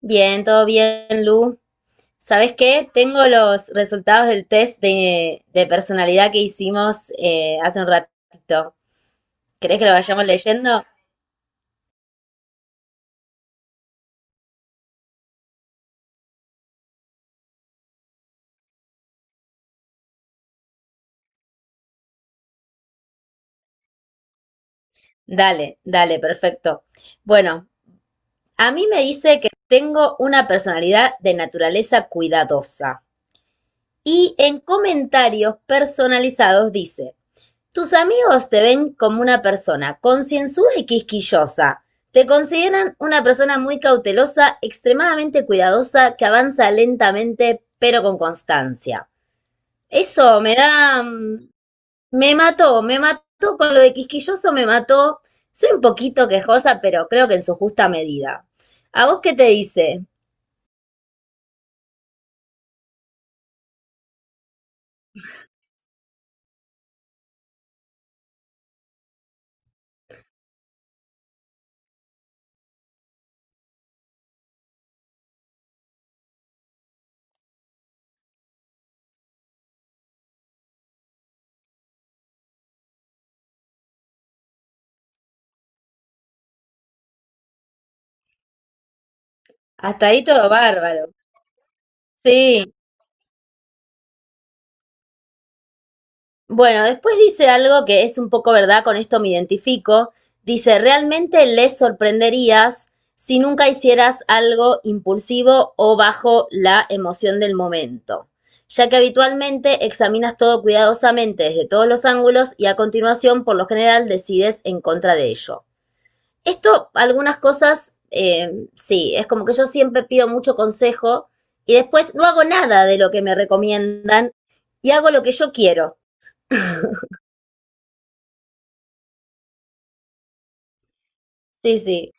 Bien, todo bien, Lu. ¿Sabes qué? Tengo los resultados del test de personalidad que hicimos hace un ratito. ¿Querés que lo vayamos leyendo? Dale, dale, perfecto. Bueno, a mí me dice que tengo una personalidad de naturaleza cuidadosa. Y en comentarios personalizados dice, tus amigos te ven como una persona concienzuda y quisquillosa. Te consideran una persona muy cautelosa, extremadamente cuidadosa, que avanza lentamente pero con constancia. Eso me da... mm, me mató con lo de quisquilloso, me mató. Soy un poquito quejosa, pero creo que en su justa medida. ¿A vos qué te dice? Hasta ahí todo bárbaro. Sí. Bueno, después dice algo que es un poco verdad, con esto me identifico. Dice, realmente les sorprenderías si nunca hicieras algo impulsivo o bajo la emoción del momento, ya que habitualmente examinas todo cuidadosamente desde todos los ángulos y a continuación, por lo general, decides en contra de ello. Esto, algunas cosas, sí, es como que yo siempre pido mucho consejo y después no hago nada de lo que me recomiendan y hago lo que yo quiero. Sí, sí,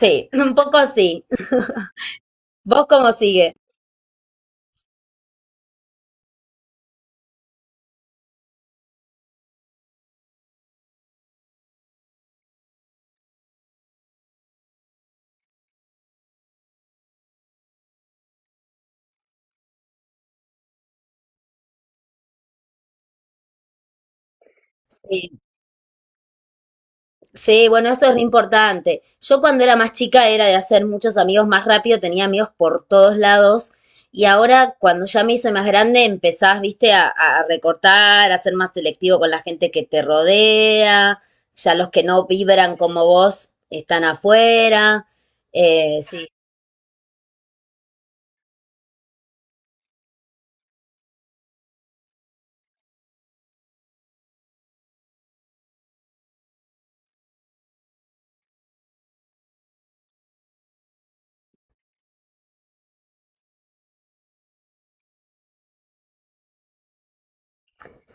sí, un poco sí. ¿Vos cómo sigue? Sí. Sí, bueno, eso es re importante. Yo cuando era más chica era de hacer muchos amigos más rápido, tenía amigos por todos lados. Y ahora, cuando ya me hice más grande, empezás, viste, a, recortar, a ser más selectivo con la gente que te rodea. Ya los que no vibran como vos están afuera. Sí.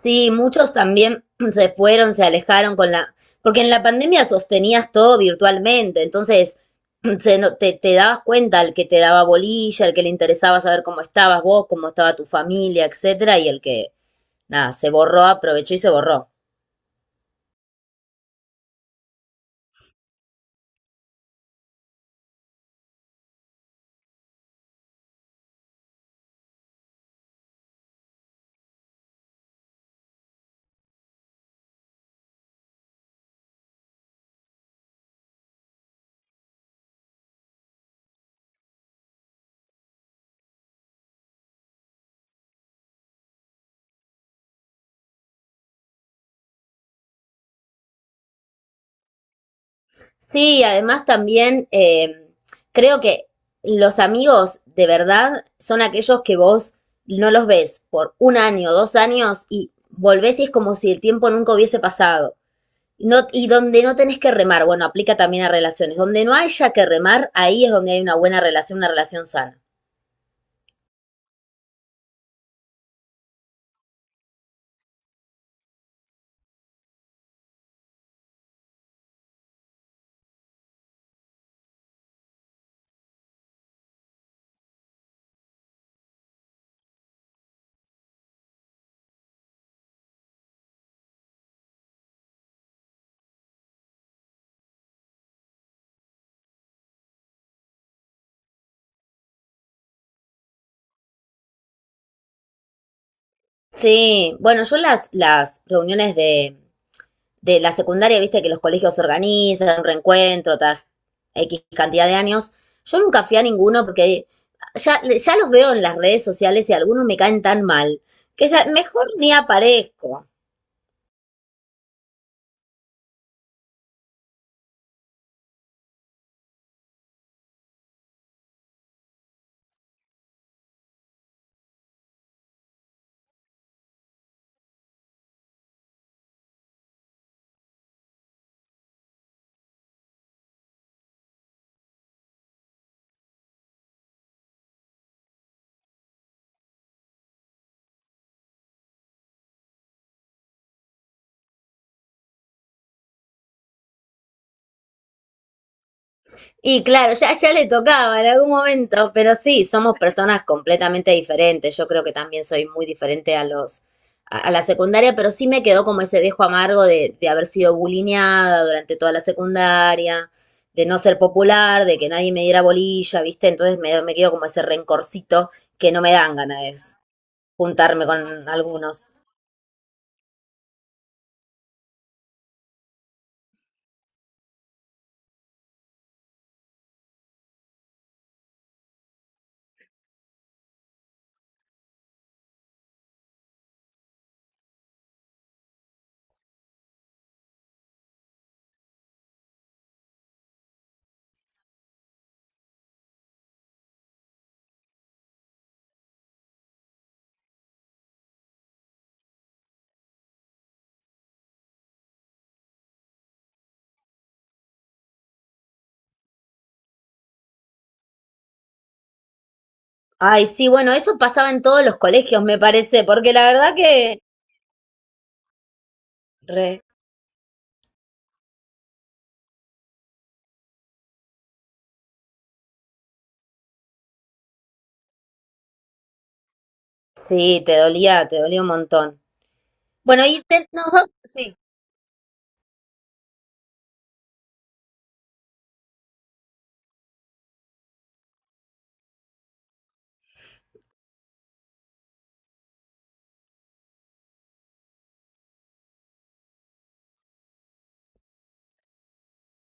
Sí, muchos también se fueron, se alejaron con la, porque en la pandemia sostenías todo virtualmente, entonces se no- te dabas cuenta el que te daba bolilla, el que le interesaba saber cómo estabas vos, cómo estaba tu familia, etcétera, y el que, nada, se borró, aprovechó y se borró. Sí, además también creo que los amigos de verdad son aquellos que vos no los ves por un año, 2 años y volvés y es como si el tiempo nunca hubiese pasado. No, y donde no tenés que remar, bueno, aplica también a relaciones. Donde no haya que remar, ahí es donde hay una buena relación, una relación sana. Sí, bueno, yo las, reuniones de la secundaria, viste que los colegios organizan, reencuentro, tras X cantidad de años. Yo nunca fui a ninguno porque ya, ya los veo en las redes sociales y algunos me caen tan mal que mejor ni aparezco. Y claro, ya, ya le tocaba en algún momento, pero sí, somos personas completamente diferentes. Yo creo que también soy muy diferente a los, a, la secundaria, pero sí me quedó como ese dejo amargo de haber sido bulineada durante toda la secundaria, de no ser popular, de que nadie me diera bolilla, ¿viste? Entonces me quedó como ese rencorcito que no me dan ganas de juntarme con algunos. Ay, sí, bueno, eso pasaba en todos los colegios, me parece, porque la verdad que... Re, sí, te dolía un montón. Bueno, y nosotros, sí.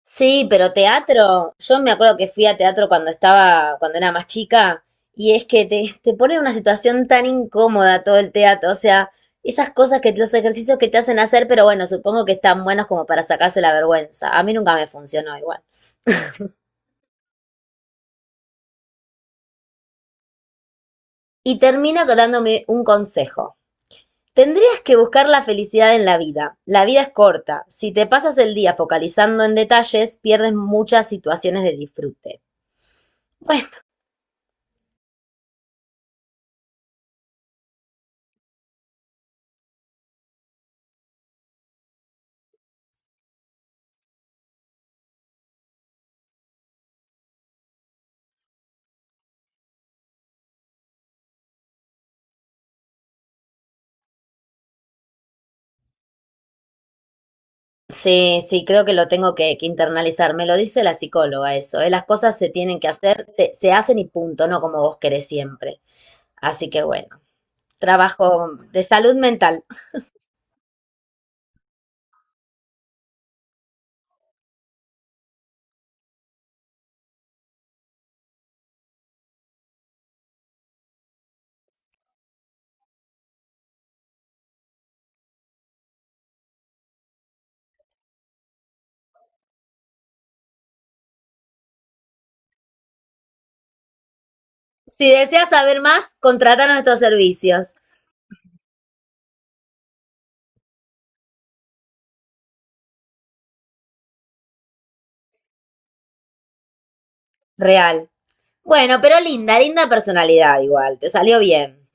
Sí, pero teatro, yo me acuerdo que fui a teatro cuando estaba, cuando era más chica, y es que te pone en una situación tan incómoda todo el teatro, o sea, esas cosas que, los ejercicios que te hacen hacer, pero bueno, supongo que están buenos como para sacarse la vergüenza. A mí nunca me funcionó igual. Y termino dándome un consejo. Tendrías que buscar la felicidad en la vida. La vida es corta. Si te pasas el día focalizando en detalles, pierdes muchas situaciones de disfrute. Bueno. Sí, sí, creo que lo tengo que, internalizar. Me lo dice la psicóloga eso, ¿eh? Las cosas se tienen que hacer, se hacen y punto, no como vos querés siempre. Así que bueno, trabajo de salud mental. Si deseas saber más, contrata nuestros servicios. Real. Bueno, pero linda, linda personalidad igual, te salió bien.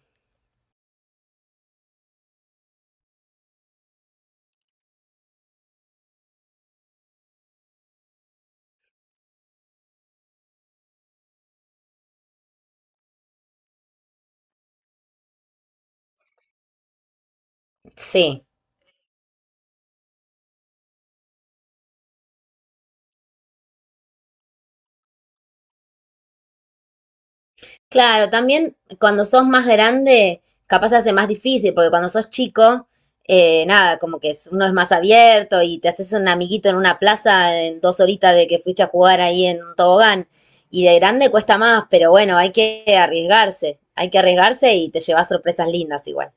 Sí. Claro, también cuando sos más grande, capaz se hace más difícil, porque cuando sos chico, nada, como que uno es más abierto y te haces un amiguito en una plaza en 2 horitas de que fuiste a jugar ahí en un tobogán. Y de grande cuesta más, pero bueno, hay que arriesgarse y te llevas sorpresas lindas igual.